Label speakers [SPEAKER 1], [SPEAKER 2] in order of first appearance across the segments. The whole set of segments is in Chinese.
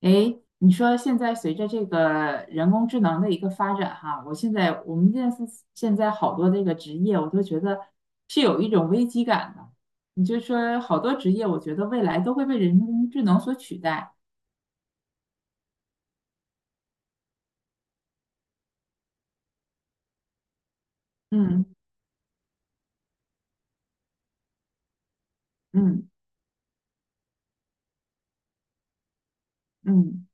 [SPEAKER 1] 诶，你说现在随着这个人工智能的一个发展，哈，我们现在现在好多这个职业，我都觉得是有一种危机感的。你就说好多职业，我觉得未来都会被人工智能所取代。嗯嗯嗯，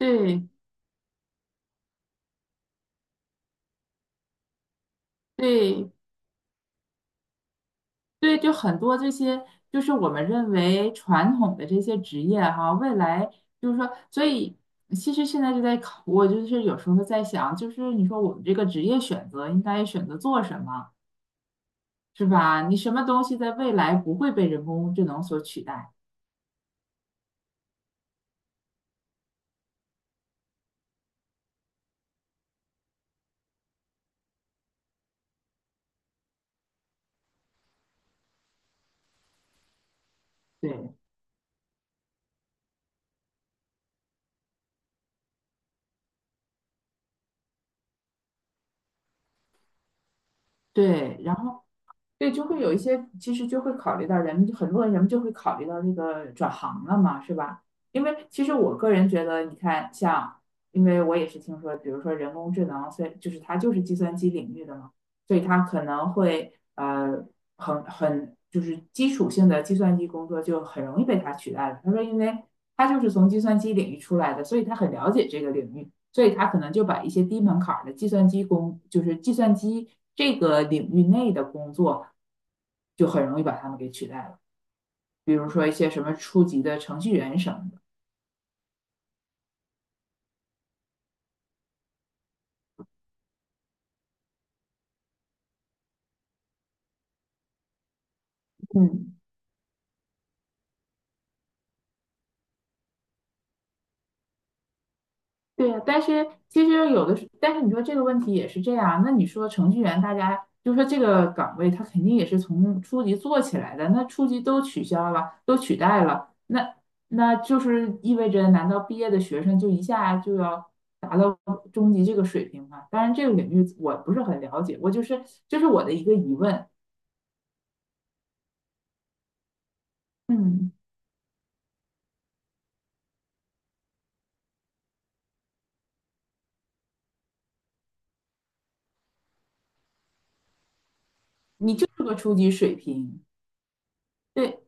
[SPEAKER 1] 对对对，就很多这些，就是我们认为传统的这些职业哈、未来就是说，所以其实现在就在考，我就是有时候在想，就是你说我们这个职业选择应该选择做什么，是吧？你什么东西在未来不会被人工智能所取代？对对，然后。对，就会有一些，其实就会考虑到人们，很多人人们就会考虑到这个转行了嘛，是吧？因为其实我个人觉得，你看，像，因为我也是听说，比如说人工智能，所以就是它就是计算机领域的嘛，所以它可能会呃很就是基础性的计算机工作就很容易被它取代了。他说，因为他就是从计算机领域出来的，所以他很了解这个领域。所以他可能就把一些低门槛的计算机工，就是计算机这个领域内的工作，就很容易把他们给取代了，比如说一些什么初级的程序员什么的，嗯。对呀，但是其实有的时，但是你说这个问题也是这样。那你说程序员，大家就说这个岗位，他肯定也是从初级做起来的。那初级都取消了，都取代了，那就是意味着，难道毕业的学生就一下就要达到中级这个水平吗？当然，这个领域我不是很了解，我就是这是我的一个疑问。嗯，你就是个初级水平，对，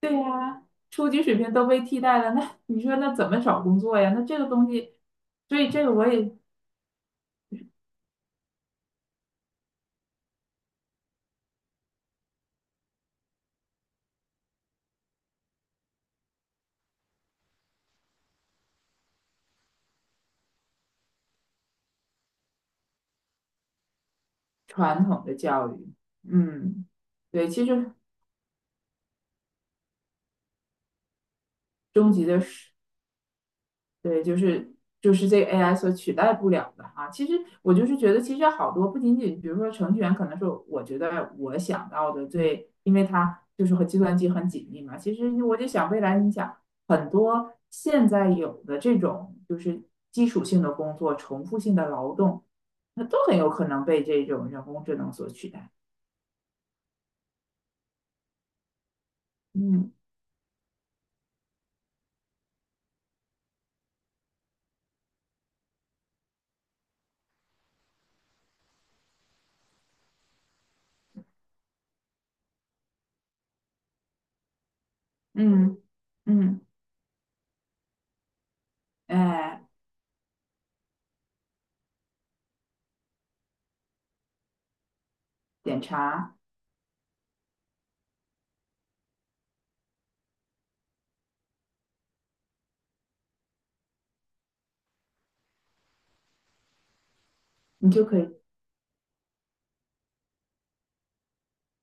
[SPEAKER 1] 对呀，初级水平都被替代了，那你说那怎么找工作呀？那这个东西，所以这个我也传统的教育，嗯，对，其实中级的是。对，就是就是这个 AI 所取代不了的啊！其实我就是觉得，其实好多不仅仅，比如说程序员，可能是我觉得我想到的最，因为它就是和计算机很紧密嘛。其实我就想，未来你想很多现在有的这种就是基础性的工作、重复性的劳动，那都很有可能被这种人工智能所取代。嗯嗯嗯，哎，点查你就可以。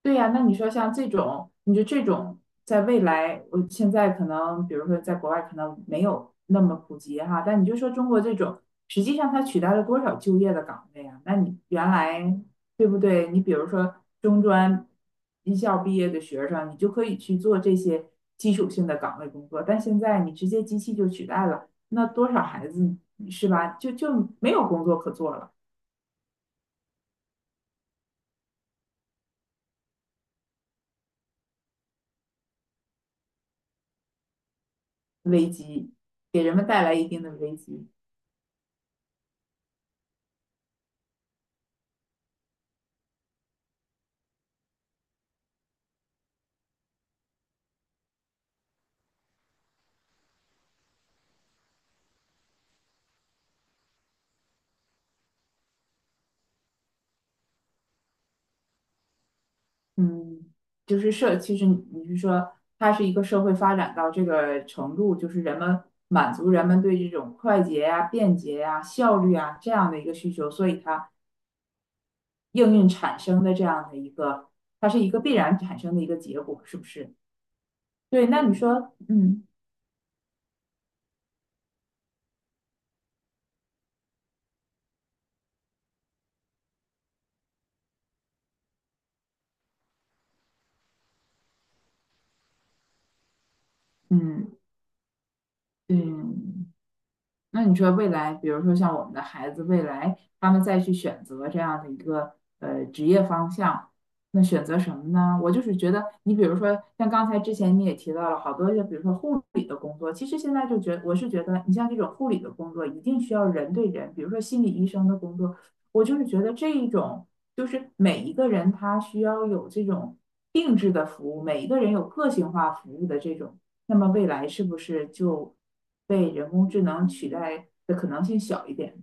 [SPEAKER 1] 对呀，那你说像这种，你说这种在未来，我现在可能，比如说在国外可能没有那么普及哈，但你就说中国这种，实际上它取代了多少就业的岗位啊？那你原来对不对？你比如说中专一校毕业的学生，你就可以去做这些基础性的岗位工作，但现在你直接机器就取代了，那多少孩子是吧？就没有工作可做了，危机给人们带来一定的危机。嗯，就是社，其实你是说，它是一个社会发展到这个程度，就是人们满足人们对这种快捷呀、便捷呀、效率啊这样的一个需求，所以它应运产生的这样的一个，它是一个必然产生的一个结果，是不是？对，那你说，嗯嗯嗯，那你说未来，比如说像我们的孩子，未来他们再去选择这样的一个职业方向，那选择什么呢？我就是觉得，你比如说像刚才之前你也提到了好多，就比如说护理的工作，其实现在就觉我是觉得，你像这种护理的工作，一定需要人对人，比如说心理医生的工作，我就是觉得这一种就是每一个人他需要有这种定制的服务，每一个人有个性化服务的这种。那么未来是不是就被人工智能取代的可能性小一点？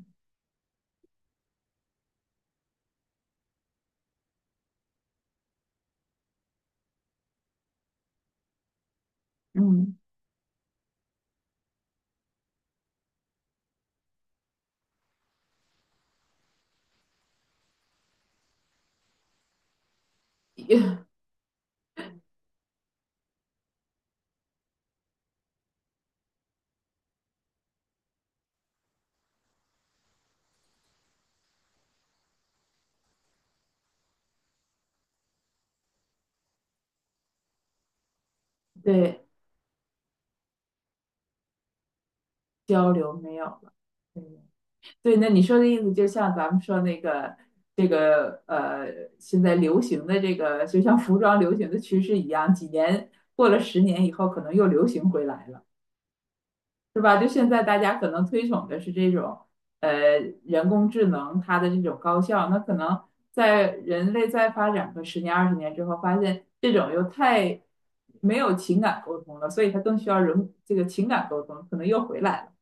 [SPEAKER 1] 嗯，对，交流没有了。嗯，对，那你说的意思就像咱们说那个这个，现在流行的这个，就像服装流行的趋势一样，几年过了十年以后，可能又流行回来了。是吧？就现在大家可能推崇的是这种，呃，人工智能它的这种高效，那可能在人类再发展个十年二十年之后，发现这种又太没有情感沟通了，所以它更需要人这个情感沟通，可能又回来了。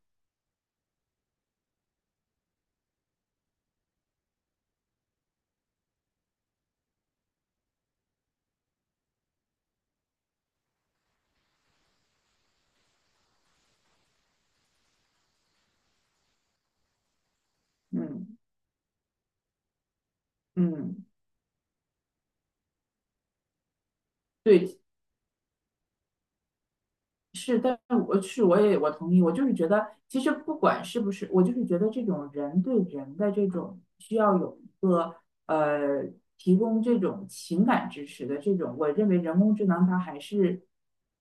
[SPEAKER 1] 嗯嗯，对。是，但是我是我也我同意，我就是觉得，其实不管是不是，我就是觉得这种人对人的这种需要有一个呃提供这种情感支持的这种，我认为人工智能它还是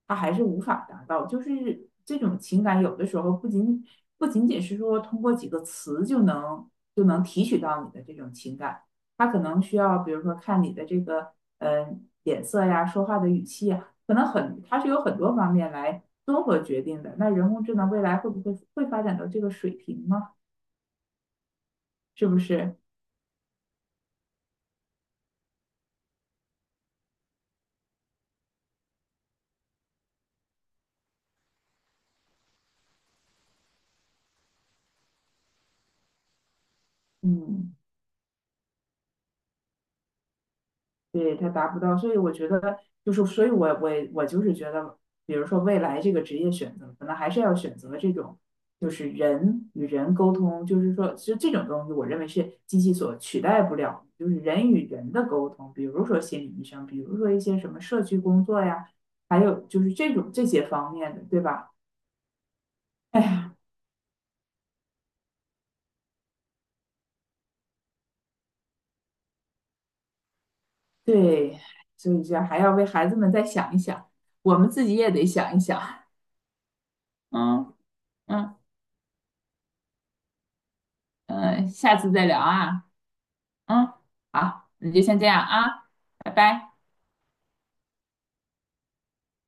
[SPEAKER 1] 它还是无法达到，就是这种情感有的时候不仅不仅仅是说通过几个词就能提取到你的这种情感，它可能需要比如说看你的这个嗯、呃、脸色呀，说话的语气呀。可能很，它是有很多方面来综合决定的。那人工智能未来会不会发展到这个水平呢？是不是？嗯，对，它达不到，所以我觉得就是，所以我就是觉得，比如说未来这个职业选择，可能还是要选择这种。就是人与人沟通，就是说，其实这种东西，我认为是机器所取代不了的，就是人与人的沟通，比如说心理医生，比如说一些什么社区工作呀，还有就是这种这些方面的，对吧？哎，对，所以这还要为孩子们再想一想，我们自己也得想一想。嗯嗯嗯，下次再聊啊。嗯，好，那就先这样啊，拜拜。